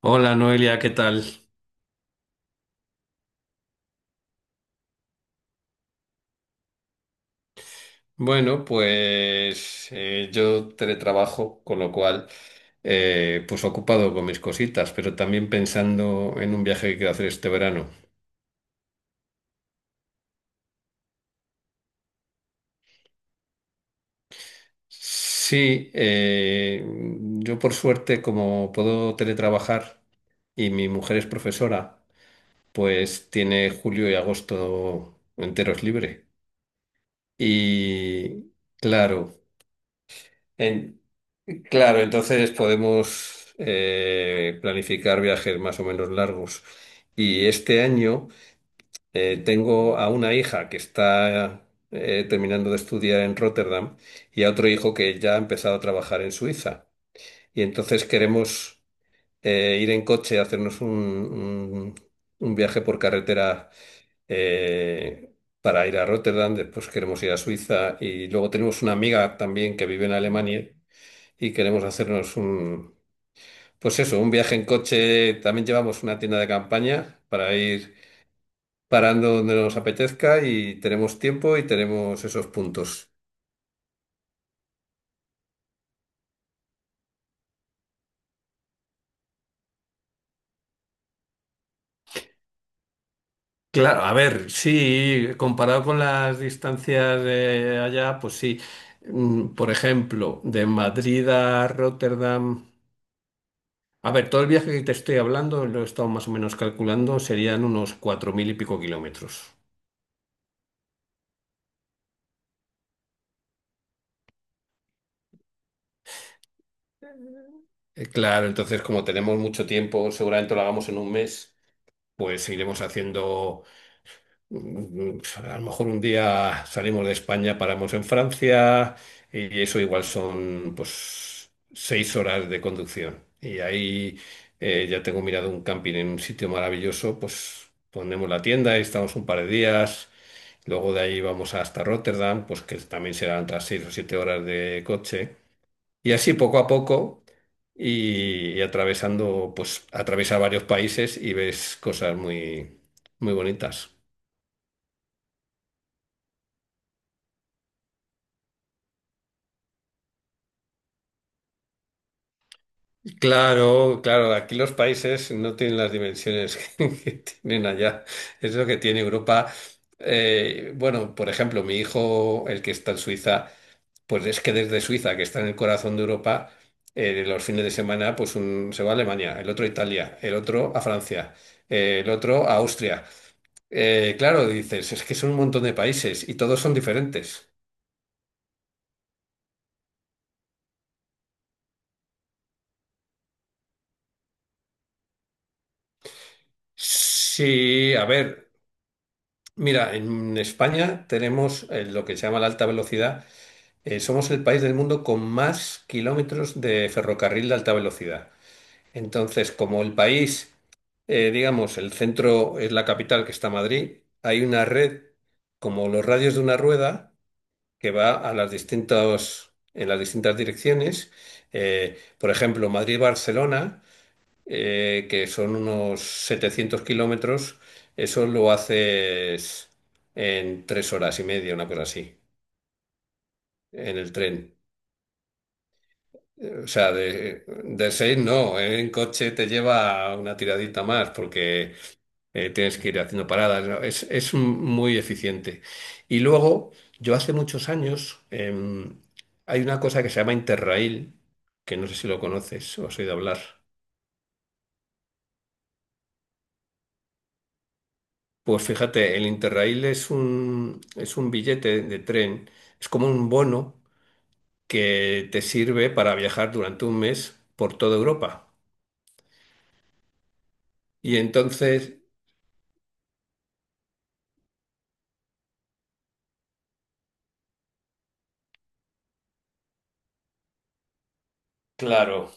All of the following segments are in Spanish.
Hola Noelia, ¿qué tal? Bueno, pues yo teletrabajo, con lo cual, pues ocupado con mis cositas, pero también pensando en un viaje que quiero hacer este verano. Sí, yo por suerte, como puedo teletrabajar y mi mujer es profesora, pues tiene julio y agosto enteros libre. Y claro, en- claro, entonces podemos planificar viajes más o menos largos. Y este año tengo a una hija que está terminando de estudiar en Rotterdam y a otro hijo que ya ha empezado a trabajar en Suiza. Y entonces queremos ir en coche, hacernos un viaje por carretera eh, para ir a Rotterdam, después queremos ir a Suiza y luego tenemos una amiga también que vive en Alemania y queremos hacernos pues eso, un viaje en coche, también llevamos una tienda de campaña para ir parando donde nos apetezca y tenemos tiempo y tenemos esos puntos. Claro, a ver, sí, comparado con las distancias de allá, pues sí. Por ejemplo, de Madrid a Rotterdam. A ver, todo el viaje que te estoy hablando, lo he estado más o menos calculando, serían unos cuatro mil y pico kilómetros. Claro, entonces como tenemos mucho tiempo, seguramente lo hagamos en un mes. Pues seguiremos haciendo. Mm, A lo mejor un día salimos de España, paramos en Francia y eso igual son pues 6 horas de conducción. Y ahí ya tengo mirado un camping en un sitio maravilloso, pues ponemos la tienda y estamos un par de días. Luego de ahí vamos hasta Rotterdam, pues que también serán otras 6 o 7 horas de coche. Y así poco a poco y atravesando, pues atravesar varios países y ves cosas muy, muy bonitas. Claro, claro, aquí los países no tienen las dimensiones que tienen allá. Es lo que tiene Europa. Bueno, por ejemplo, mi hijo, el que está en Suiza, pues es que desde Suiza, que está en el corazón de Europa, los fines de semana, pues se va a Alemania, el otro a Italia, el otro a Francia, el otro a Austria. Claro, dices, es que son un montón de países y todos son diferentes. Sí, a ver, mira, en España tenemos lo que se llama la alta velocidad. Somos el país del mundo con más kilómetros de ferrocarril de alta velocidad. Entonces, como el país, digamos, el centro es la capital que está Madrid, hay una red como los radios de una rueda que va a las distintas, en las distintas direcciones. Por ejemplo, Madrid-Barcelona, que son unos 700 kilómetros, eso lo haces en 3 horas y media, una cosa así, en el tren. O sea, de seis no, ¿eh? En coche te lleva una tiradita más porque tienes que ir haciendo paradas, ¿no? Es muy eficiente. Y luego, yo hace muchos años, hay una cosa que se llama Interrail, que no sé si lo conoces o has oído hablar. Pues fíjate, el Interrail es un billete de tren, es como un bono que te sirve para viajar durante un mes por toda Europa. Y entonces, claro.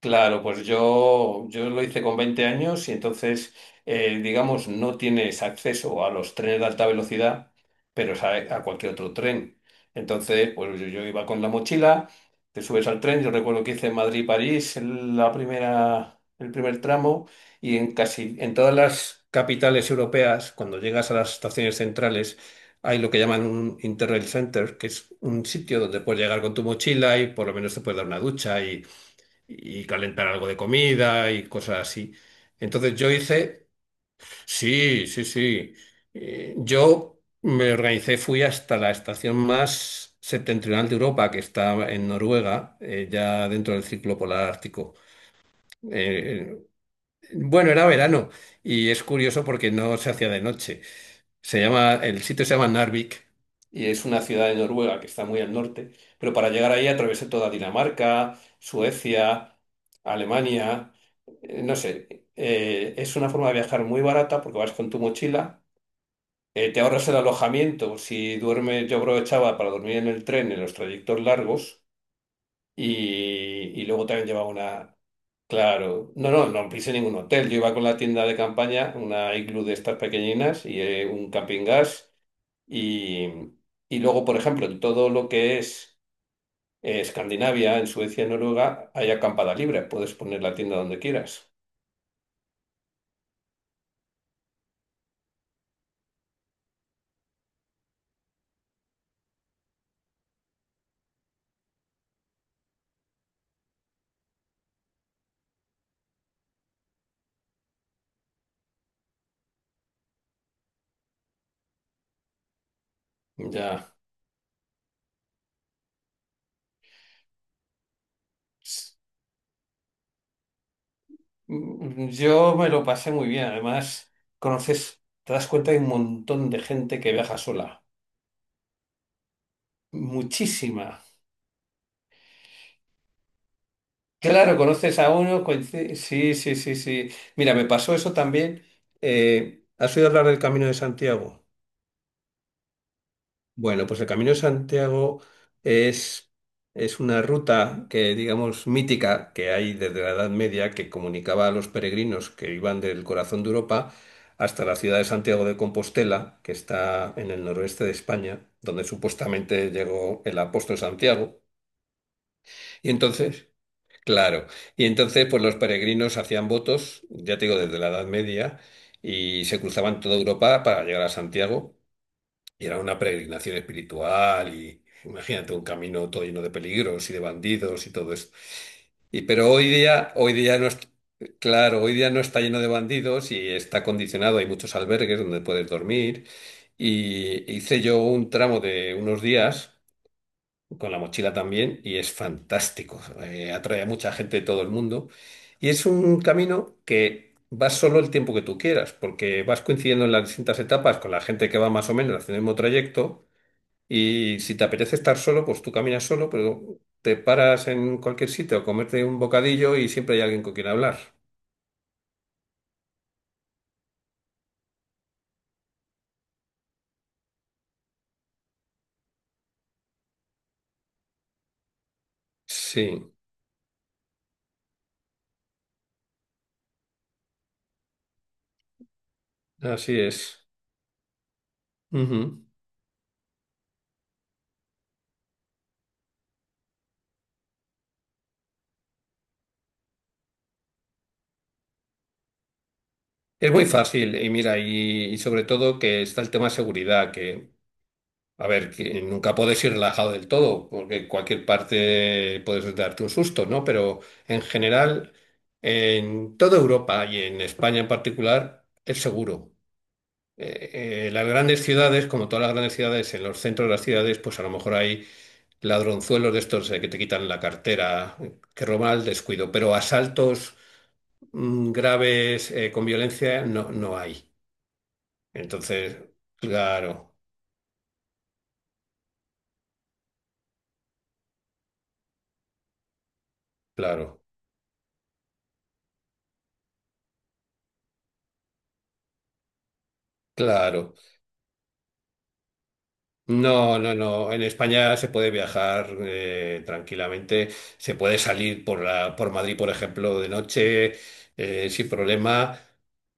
Claro, pues yo lo hice con 20 años y entonces, digamos, no tienes acceso a los trenes de alta velocidad, pero es a cualquier otro tren. Entonces, pues yo iba con la mochila, te subes al tren, yo recuerdo que hice Madrid-París el primer tramo y en casi en todas las capitales europeas, cuando llegas a las estaciones centrales, hay lo que llaman un Interrail Center, que es un sitio donde puedes llegar con tu mochila y por lo menos te puedes dar una ducha y calentar algo de comida y cosas así. Entonces yo hice, sí, sí, sí. Yo me organicé, fui hasta la estación más septentrional de Europa, que está en Noruega, ya dentro del círculo polar ártico. Eh, bueno, era verano y es curioso porque no se hacía de noche. Se llama, el sitio se llama Narvik y es una ciudad de Noruega que está muy al norte, pero para llegar ahí atravesé toda Dinamarca, Suecia, Alemania, no sé, es una forma de viajar muy barata porque vas con tu mochila, te ahorras el alojamiento, si duermes, yo aprovechaba para dormir en el tren en los trayectos largos y, y luego también llevaba una. Claro, no, no, no pise ningún hotel. Yo iba con la tienda de campaña, una iglú de estas pequeñinas y un camping gas y, y luego, por ejemplo, en todo lo que es Escandinavia, en Suecia, Noruega, hay acampada libre. Puedes poner la tienda donde quieras. Ya. Yo me lo pasé muy bien. Además, conoces, te das cuenta que hay un montón de gente que viaja sola. Muchísima. Claro, conoces a uno. Sí, sí, sí, sí. Mira, me pasó eso también. ¿Has oído hablar del Camino de Santiago? Bueno, pues el Camino de Santiago es, es una ruta que, digamos, mítica que hay desde la Edad Media que comunicaba a los peregrinos que iban del corazón de Europa hasta la ciudad de Santiago de Compostela, que está en el noroeste de España, donde supuestamente llegó el apóstol Santiago. Y entonces, claro, y entonces pues los peregrinos hacían votos, ya te digo, desde la Edad Media, y se cruzaban toda Europa para llegar a Santiago. Y era una peregrinación espiritual y imagínate un camino todo lleno de peligros y de bandidos y todo eso. Y pero hoy día no es, claro, hoy día no está lleno de bandidos y está condicionado, hay muchos albergues donde puedes dormir. Y hice yo un tramo de unos días con la mochila también y es fantástico. Atrae a mucha gente de todo el mundo. Y es un camino que vas solo el tiempo que tú quieras, porque vas coincidiendo en las distintas etapas con la gente que va más o menos haciendo el mismo trayecto. Y si te apetece estar solo, pues tú caminas solo, pero te paras en cualquier sitio a comerte un bocadillo y siempre hay alguien con quien hablar. Sí, así es. Ujú. Es muy fácil y mira, y sobre todo que está el tema de seguridad, que, a ver, que nunca puedes ir relajado del todo, porque en cualquier parte puedes darte un susto, ¿no? Pero en general, en toda Europa y en España en particular, es seguro. Las grandes ciudades, como todas las grandes ciudades, en los centros de las ciudades, pues a lo mejor hay ladronzuelos de estos que te quitan la cartera, que roban al descuido, pero asaltos graves con violencia no, no hay. Entonces, claro, claro, claro. No, no, no. En España se puede viajar tranquilamente, se puede salir por la, por Madrid, por ejemplo, de noche sin problema.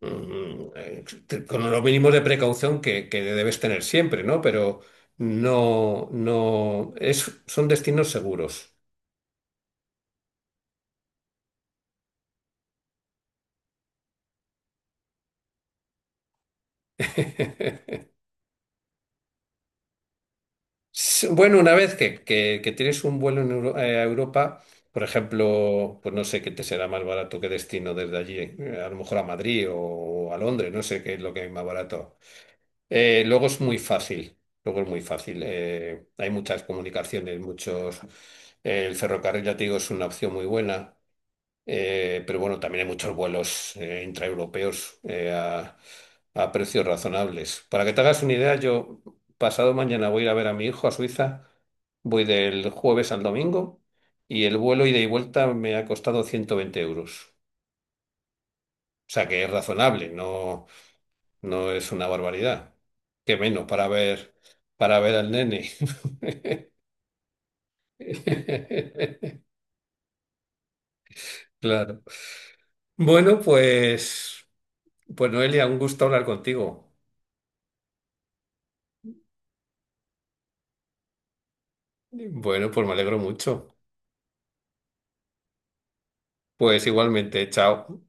Con los mínimos de precaución que debes tener siempre, ¿no? Pero no, no, son destinos seguros. Bueno, una vez que tienes un vuelo en a Europa, por ejemplo, pues no sé qué te será más barato que destino desde allí, a lo mejor a Madrid o, a Londres, no sé qué es lo que hay más barato. Luego es muy fácil, luego es muy fácil. Hay muchas comunicaciones, muchos. El ferrocarril, ya te digo, es una opción muy buena. Pero bueno, también hay muchos vuelos intraeuropeos a precios razonables. Para que te hagas una idea, yo pasado mañana voy a ir a ver a mi hijo a Suiza, voy del jueves al domingo y el vuelo ida y vuelta me ha costado 120 euros. O sea que es razonable, no, no es una barbaridad. Qué menos para ver al nene. Claro. Bueno, pues Noelia, un gusto hablar contigo. Bueno, pues me alegro mucho. Pues igualmente, chao.